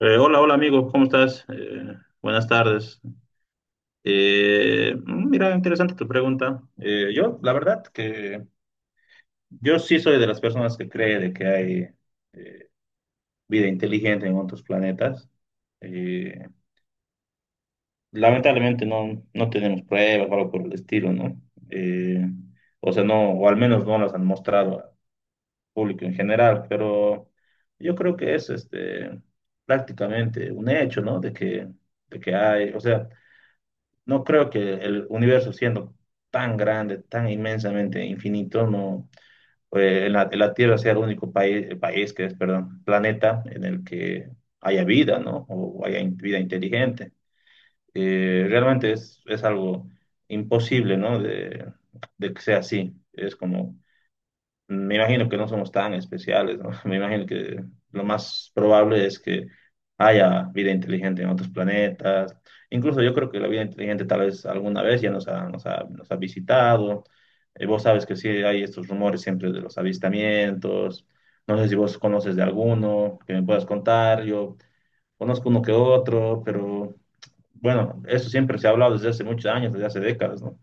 Hola, hola amigo, ¿cómo estás? Buenas tardes. Mira, interesante tu pregunta. Yo, la verdad que yo sí soy de las personas que cree de que hay eh, vida inteligente en otros planetas. Eh, Lamentablemente no tenemos pruebas o algo por el estilo, ¿no? Eh, o sea, no, o al menos no las han mostrado al público en general, pero yo creo que es este, prácticamente un hecho, ¿no? De que hay, o sea... No creo que el universo siendo tan grande, tan inmensamente infinito, no, la Tierra sea el único país, perdón, planeta en el que haya vida, ¿no? O haya vida inteligente. Realmente es algo imposible, ¿no? De que sea así. Es como me imagino que no somos tan especiales, ¿no? Me imagino que lo más probable es que haya vida inteligente en otros planetas. Incluso yo creo que la vida inteligente tal vez alguna vez ya nos ha visitado. Vos sabes que sí hay estos rumores siempre de los avistamientos. No sé si vos conoces de alguno que me puedas contar. Yo conozco uno que otro, pero bueno, eso siempre se ha hablado desde hace muchos años, desde hace décadas, ¿no?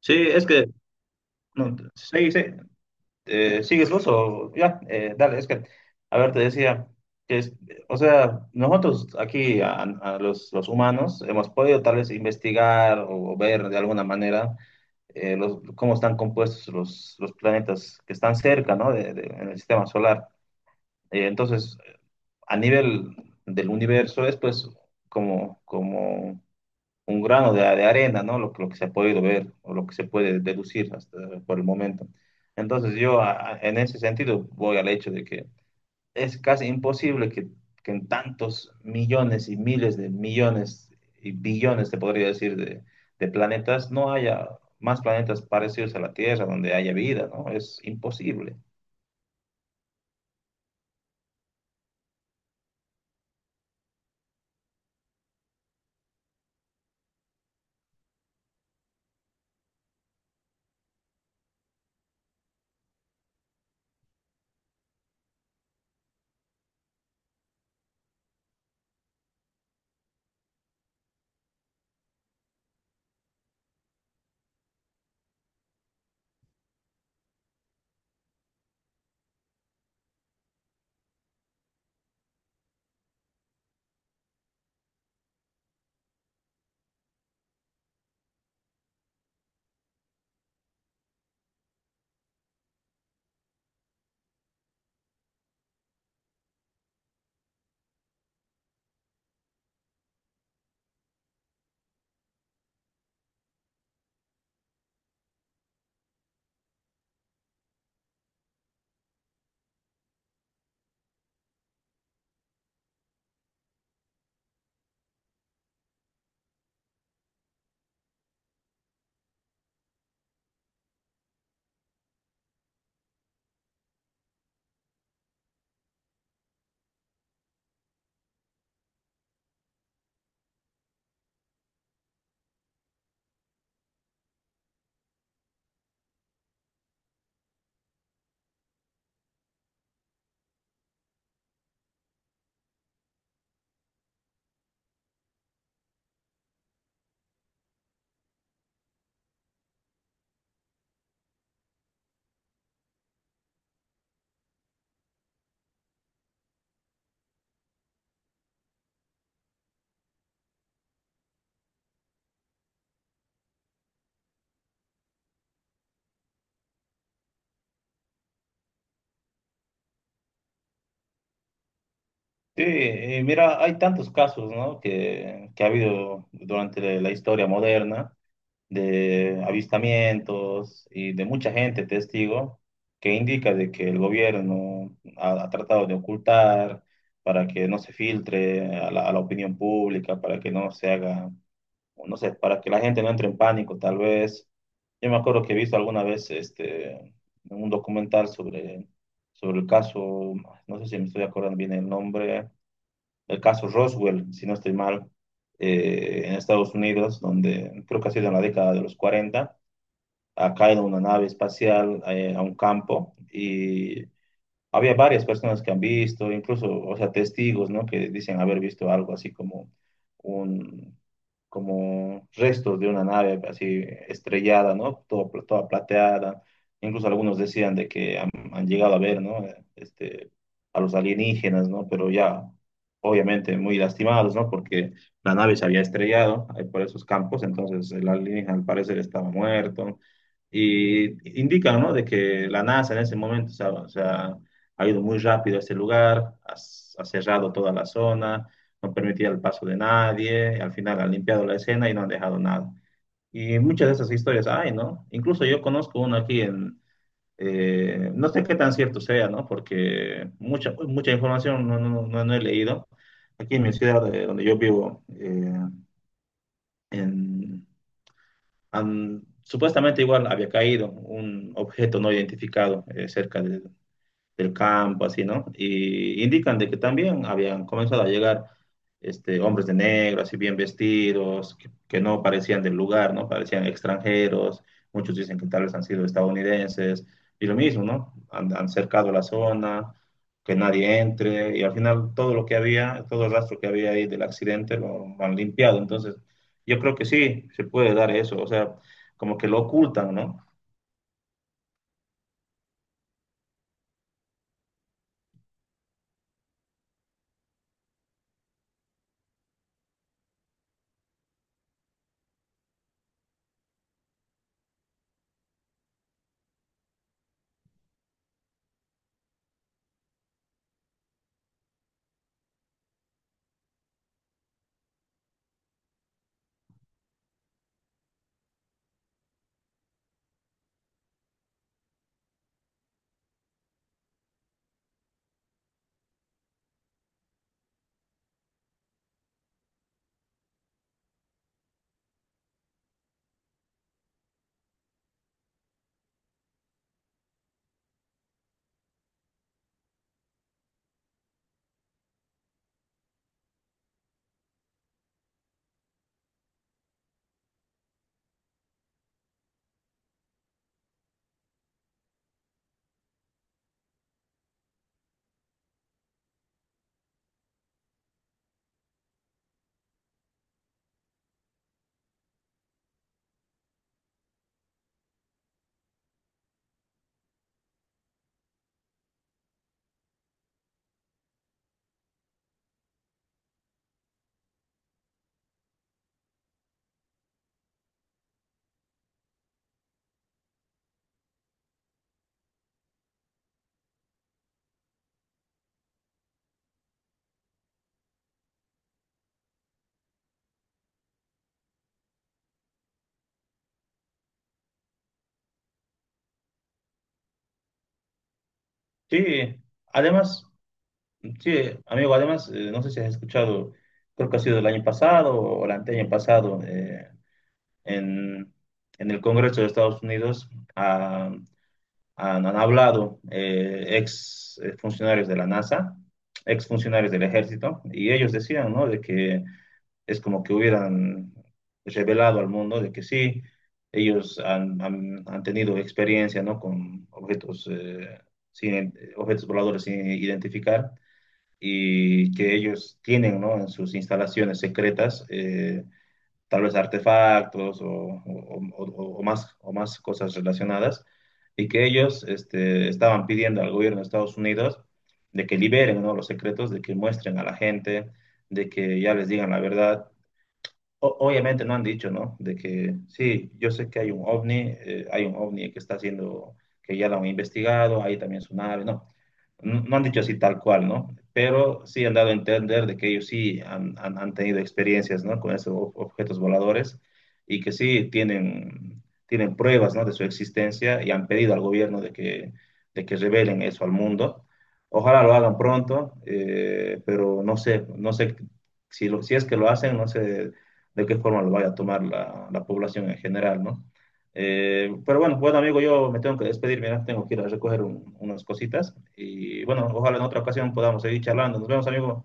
Sí, es que... No, sí, sí. ¿Sigues vos o ya? Dale, a ver, te decía que, es- o sea, nosotros aquí, a los humanos, hemos podido tal vez investigar o ver de alguna manera cómo están compuestos los planetas que están cerca, ¿no? En el sistema solar. Entonces, a nivel del universo es pues como, como un grano de arena, ¿no? Lo que se ha podido ver o lo que se puede deducir hasta por el momento. Entonces yo en ese sentido voy al hecho de que es casi imposible que en tantos millones y miles de millones y billones, te podría decir, de planetas, no haya más planetas parecidos a la Tierra donde haya vida, ¿no? Es imposible. Sí, y mira, hay tantos casos, ¿no? Que ha habido durante la historia moderna de avistamientos y de mucha gente testigo que indica de que el gobierno ha tratado de ocultar para que no se filtre a a la opinión pública, para que no se haga, o no sé, para que la gente no entre en pánico tal vez. Yo me acuerdo que he visto alguna vez este, un documental sobre el caso, no sé si me estoy acordando bien el nombre, el caso Roswell, si no estoy mal, en Estados Unidos, donde creo que ha sido en la década de los 40, ha caído una nave espacial a un campo, y había varias personas que han visto, incluso, o sea, testigos, ¿no? Que dicen haber visto algo así como un, como restos de una nave así estrellada, ¿no? Todo, toda plateada. Incluso algunos decían de que han llegado a ver, ¿no? Este, a los alienígenas, ¿no? Pero ya, obviamente, muy lastimados, ¿no? Porque la nave se había estrellado ahí por esos campos, entonces el alienígena al parecer estaba muerto. Y indican, ¿no? De que la NASA en ese momento, o sea, ha ido muy rápido a ese lugar, ha cerrado toda la zona, no permitía el paso de nadie, al final ha limpiado la escena y no han dejado nada. Y muchas de esas historias hay, ¿no? Incluso yo conozco una aquí en, no sé qué tan cierto sea, ¿no? Porque mucha información no he leído. Aquí en mi ciudad donde yo vivo, en, supuestamente igual había caído un objeto no identificado cerca del campo, así, ¿no? Y indican de que también habían comenzado a llegar este, hombres de negro, así bien vestidos, que no parecían del lugar, ¿no? Parecían extranjeros, muchos dicen que tal vez han sido estadounidenses, y lo mismo, ¿no? Han cercado la zona, que nadie entre, y al final todo lo que había, todo el rastro que había ahí del accidente lo han limpiado, entonces yo creo que sí, se puede dar eso, o sea, como que lo ocultan, ¿no? Sí, además... Sí, amigo, además, no sé si has escuchado, creo que ha sido el año pasado o el anteaño pasado, en, en el Congreso de Estados Unidos ah, han hablado ex funcionarios de la NASA, ex funcionarios del ejército, y ellos decían, ¿no? De que es como que hubieran revelado al mundo de que sí, ellos han tenido experiencia, ¿no? Con objetos, sin, objetos voladores sin identificar, y que ellos tienen, ¿no? en sus instalaciones secretas, tal vez artefactos o más cosas relacionadas, y que ellos este, estaban pidiendo al gobierno de Estados Unidos de que liberen, ¿no? los secretos, de que muestren a la gente, de que ya les digan la verdad. Obviamente no han dicho, ¿no? De que sí, yo sé que hay un ovni que está haciendo, que ya lo han investigado, hay también su nave, no han dicho así tal cual, ¿no? Pero sí han dado a entender de que ellos sí han tenido experiencias, ¿no? Con esos objetos voladores, y que sí tienen pruebas, ¿no? De su existencia, y han pedido al gobierno de que revelen eso al mundo. Ojalá lo hagan pronto, pero no sé, si es que lo hacen, no sé de qué forma lo vaya a tomar la, la población en general, ¿no? Pero bueno amigo, yo me tengo que despedir, mira, tengo que ir a recoger unas cositas y bueno, ojalá en otra ocasión podamos seguir charlando. Nos vemos, amigo.